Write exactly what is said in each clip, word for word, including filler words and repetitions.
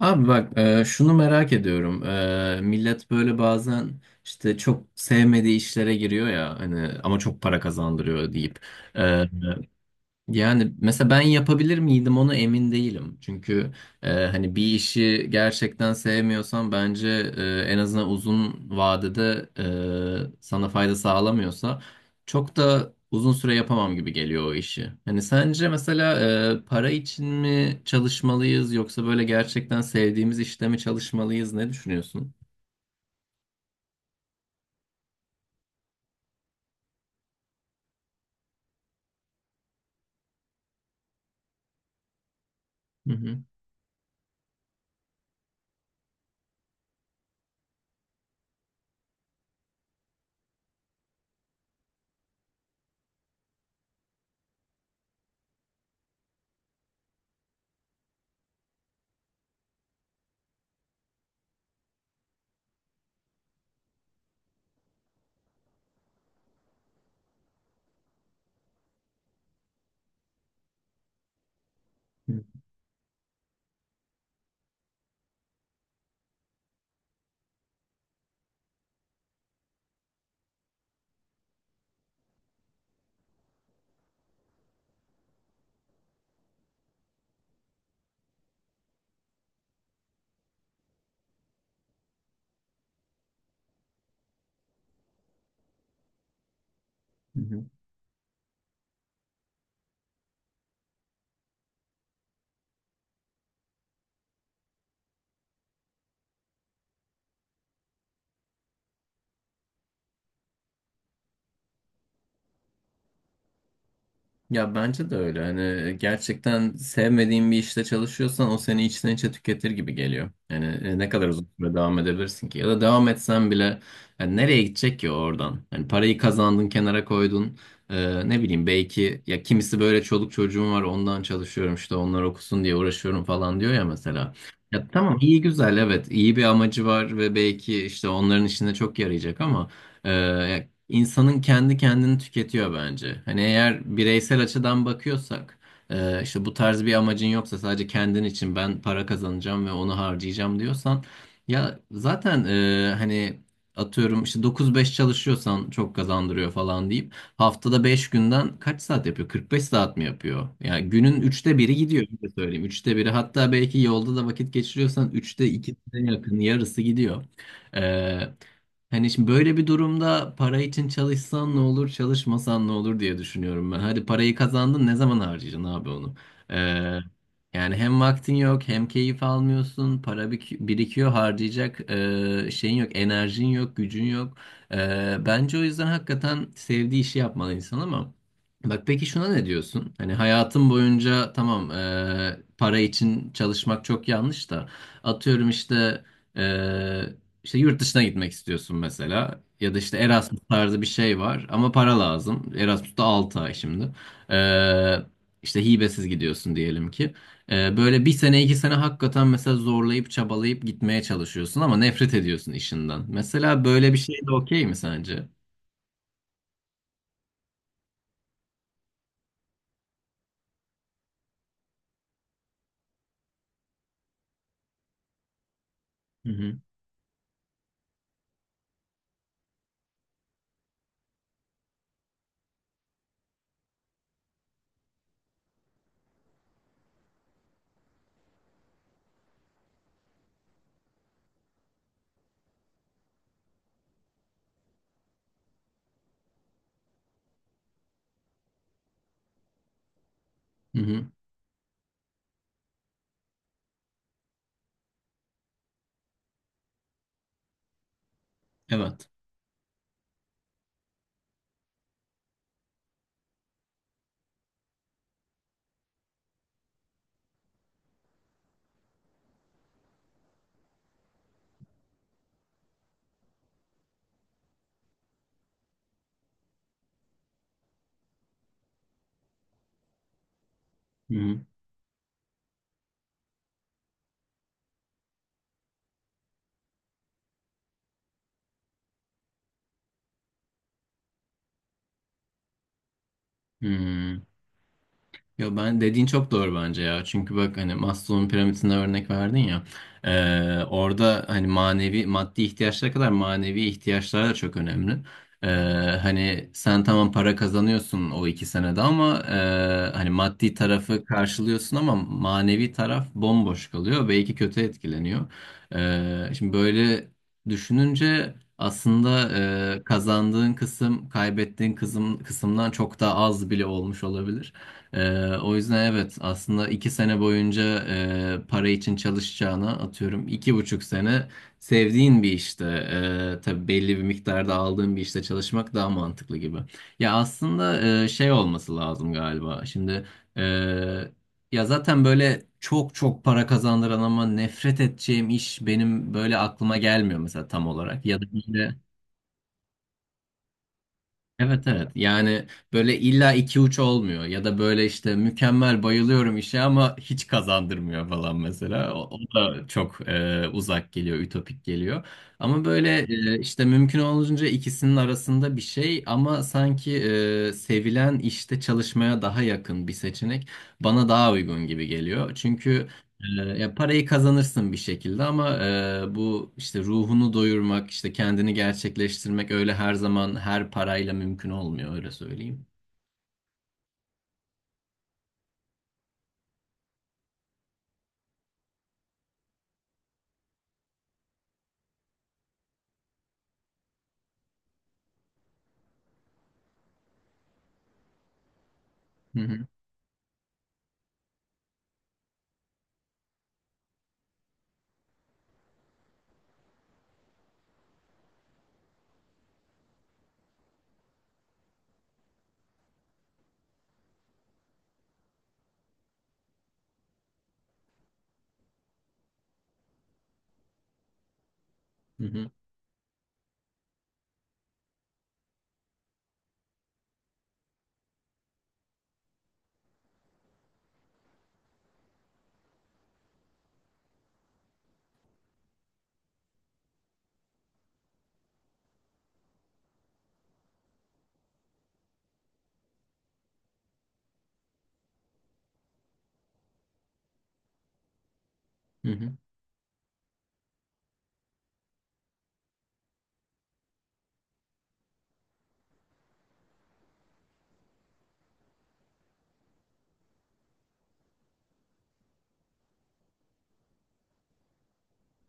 Abi bak e, şunu merak ediyorum. E, millet böyle bazen işte çok sevmediği işlere giriyor ya hani ama çok para kazandırıyor deyip. E, Yani mesela ben yapabilir miydim onu emin değilim. Çünkü e, hani bir işi gerçekten sevmiyorsan bence e, en azından uzun vadede e, sana fayda sağlamıyorsa çok da uzun süre yapamam gibi geliyor o işi. Hani sence mesela e, para için mi çalışmalıyız yoksa böyle gerçekten sevdiğimiz işte mi çalışmalıyız, ne düşünüyorsun? Hı hı. Hı hı. Ya bence de öyle. Hani e, gerçekten sevmediğin bir işte çalışıyorsan o seni içten içe tüketir gibi geliyor. Yani e, ne kadar uzun süre devam edebilirsin ki? Ya da devam etsen bile yani nereye gidecek ki oradan? Yani parayı kazandın, kenara koydun. E, ne bileyim, belki ya kimisi böyle çoluk çocuğum var ondan çalışıyorum, işte onlar okusun diye uğraşıyorum falan diyor ya mesela. Ya tamam, iyi güzel, evet, iyi bir amacı var ve belki işte onların işine çok yarayacak ama e, insanın kendi kendini tüketiyor bence. Hani eğer bireysel açıdan bakıyorsak, e, işte bu tarz bir amacın yoksa sadece kendin için ben para kazanacağım ve onu harcayacağım diyorsan, ya zaten e, hani atıyorum işte dokuz beş çalışıyorsan çok kazandırıyor falan deyip haftada beş günden kaç saat yapıyor? kırk beş saat mi yapıyor? Yani günün üçte biri gidiyor, öyle söyleyeyim. Üçte biri, hatta belki yolda da vakit geçiriyorsan üçte ikisine yakın, yarısı gidiyor. E, Hani şimdi böyle bir durumda para için çalışsan ne olur, çalışmasan ne olur diye düşünüyorum ben. Hadi parayı kazandın, ne zaman harcayacaksın abi onu? Ee, Yani hem vaktin yok, hem keyif almıyorsun, para bik- birikiyor, harcayacak ee, şeyin yok, enerjin yok, gücün yok. Ee, bence o yüzden hakikaten sevdiği işi yapmalı insan ama. Bak peki şuna ne diyorsun? Hani hayatın boyunca tamam ee, para için çalışmak çok yanlış da atıyorum işte. e, işte yurt dışına gitmek istiyorsun mesela ya da işte Erasmus tarzı bir şey var ama para lazım. Erasmus'ta da ay şimdi. Ee, işte hibesiz gidiyorsun diyelim ki. Ee, böyle bir sene iki sene hakikaten mesela zorlayıp çabalayıp gitmeye çalışıyorsun ama nefret ediyorsun işinden. Mesela böyle bir şey de okey mi sence? Hı hı. Hı hı. Evet. Hı hı. Hı. Yo, ben dediğin çok doğru bence ya. Çünkü bak hani Maslow'un piramidine örnek verdin ya. Ee, orada hani manevi maddi ihtiyaçlara kadar, manevi ihtiyaçlar da çok önemli. Ee, Hani sen tamam para kazanıyorsun o iki senede ama e, hani maddi tarafı karşılıyorsun ama manevi taraf bomboş kalıyor. Belki kötü etkileniyor. Ee, şimdi böyle düşününce aslında e, kazandığın kısım kaybettiğin kısım, kısımdan çok daha az bile olmuş olabilir. Ee, o yüzden evet, aslında iki sene boyunca e, para için çalışacağına atıyorum iki buçuk sene sevdiğin bir işte, e, tabii belli bir miktarda aldığın bir işte çalışmak daha mantıklı gibi. Ya aslında e, şey olması lazım galiba şimdi, e, ya zaten böyle çok çok para kazandıran ama nefret edeceğim iş benim böyle aklıma gelmiyor mesela tam olarak ya da işte. Evet evet, yani böyle illa iki uç olmuyor ya da böyle işte mükemmel bayılıyorum işe ama hiç kazandırmıyor falan mesela o, o da çok e, uzak geliyor, ütopik geliyor ama böyle e, işte mümkün olunca ikisinin arasında bir şey ama sanki e, sevilen işte çalışmaya daha yakın bir seçenek bana daha uygun gibi geliyor çünkü ee, ya parayı kazanırsın bir şekilde ama e, bu işte ruhunu doyurmak, işte kendini gerçekleştirmek öyle her zaman her parayla mümkün olmuyor, öyle söyleyeyim. Hı hı, hı hı, hı hı.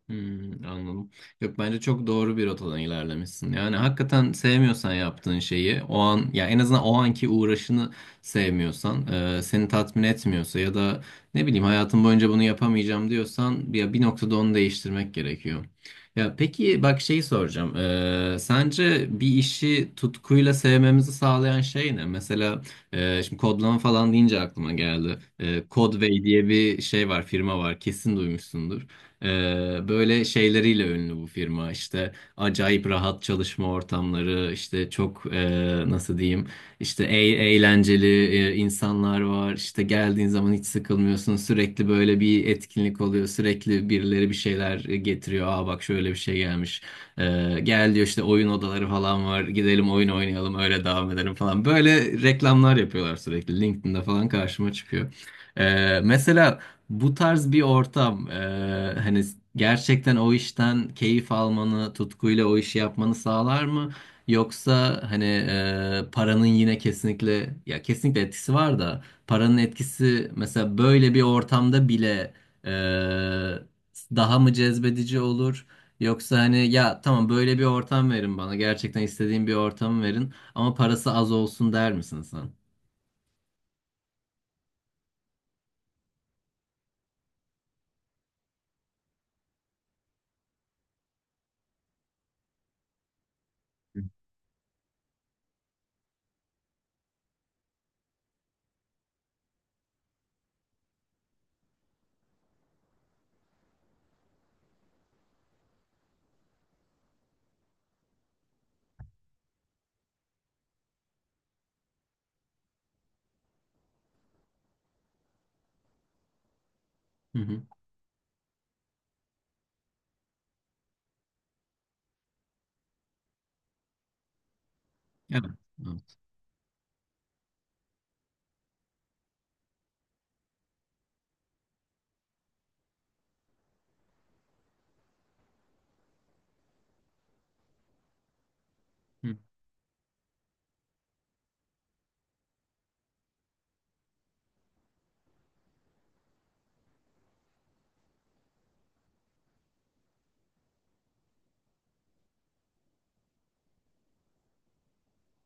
Hmm, anladım. Yok, bence çok doğru bir rotadan ilerlemişsin. Yani hakikaten sevmiyorsan yaptığın şeyi o an, ya en azından o anki uğraşını sevmiyorsan, e, seni tatmin etmiyorsa ya da ne bileyim hayatım boyunca bunu yapamayacağım diyorsan ya bir noktada onu değiştirmek gerekiyor. Ya peki bak, şeyi soracağım. E, sence bir işi tutkuyla sevmemizi sağlayan şey ne? Mesela e, şimdi kodlama falan deyince aklıma geldi. E, Codeway diye bir şey var, firma var, kesin duymuşsundur. Ee, böyle şeyleriyle ünlü bu firma, işte acayip rahat çalışma ortamları, işte çok e, nasıl diyeyim, işte e- eğlenceli e, insanlar var, işte geldiğin zaman hiç sıkılmıyorsun, sürekli böyle bir etkinlik oluyor, sürekli birileri bir şeyler getiriyor, aa bak şöyle bir şey gelmiş, Ee, gel diyor, işte oyun odaları falan var, gidelim oyun oynayalım, öyle devam edelim falan, böyle reklamlar yapıyorlar sürekli, LinkedIn'de falan karşıma çıkıyor. Ee, mesela bu tarz bir ortam eee, hani gerçekten o işten keyif almanı, tutkuyla o işi yapmanı sağlar mı? Yoksa hani eee, paranın yine kesinlikle, ya kesinlikle etkisi var da paranın etkisi mesela böyle bir ortamda bile eee, daha mı cezbedici olur? Yoksa hani ya tamam böyle bir ortam verin bana, gerçekten istediğim bir ortamı verin ama parası az olsun der misin sen? Hı hı. Evet. Evet.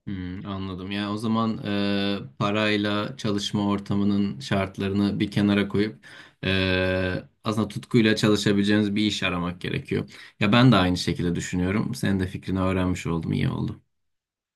Hmm, anladım. Yani o zaman e, parayla çalışma ortamının şartlarını bir kenara koyup e, aslında tutkuyla çalışabileceğiniz bir iş aramak gerekiyor. Ya ben de aynı şekilde düşünüyorum. Senin de fikrini öğrenmiş oldum. İyi oldu.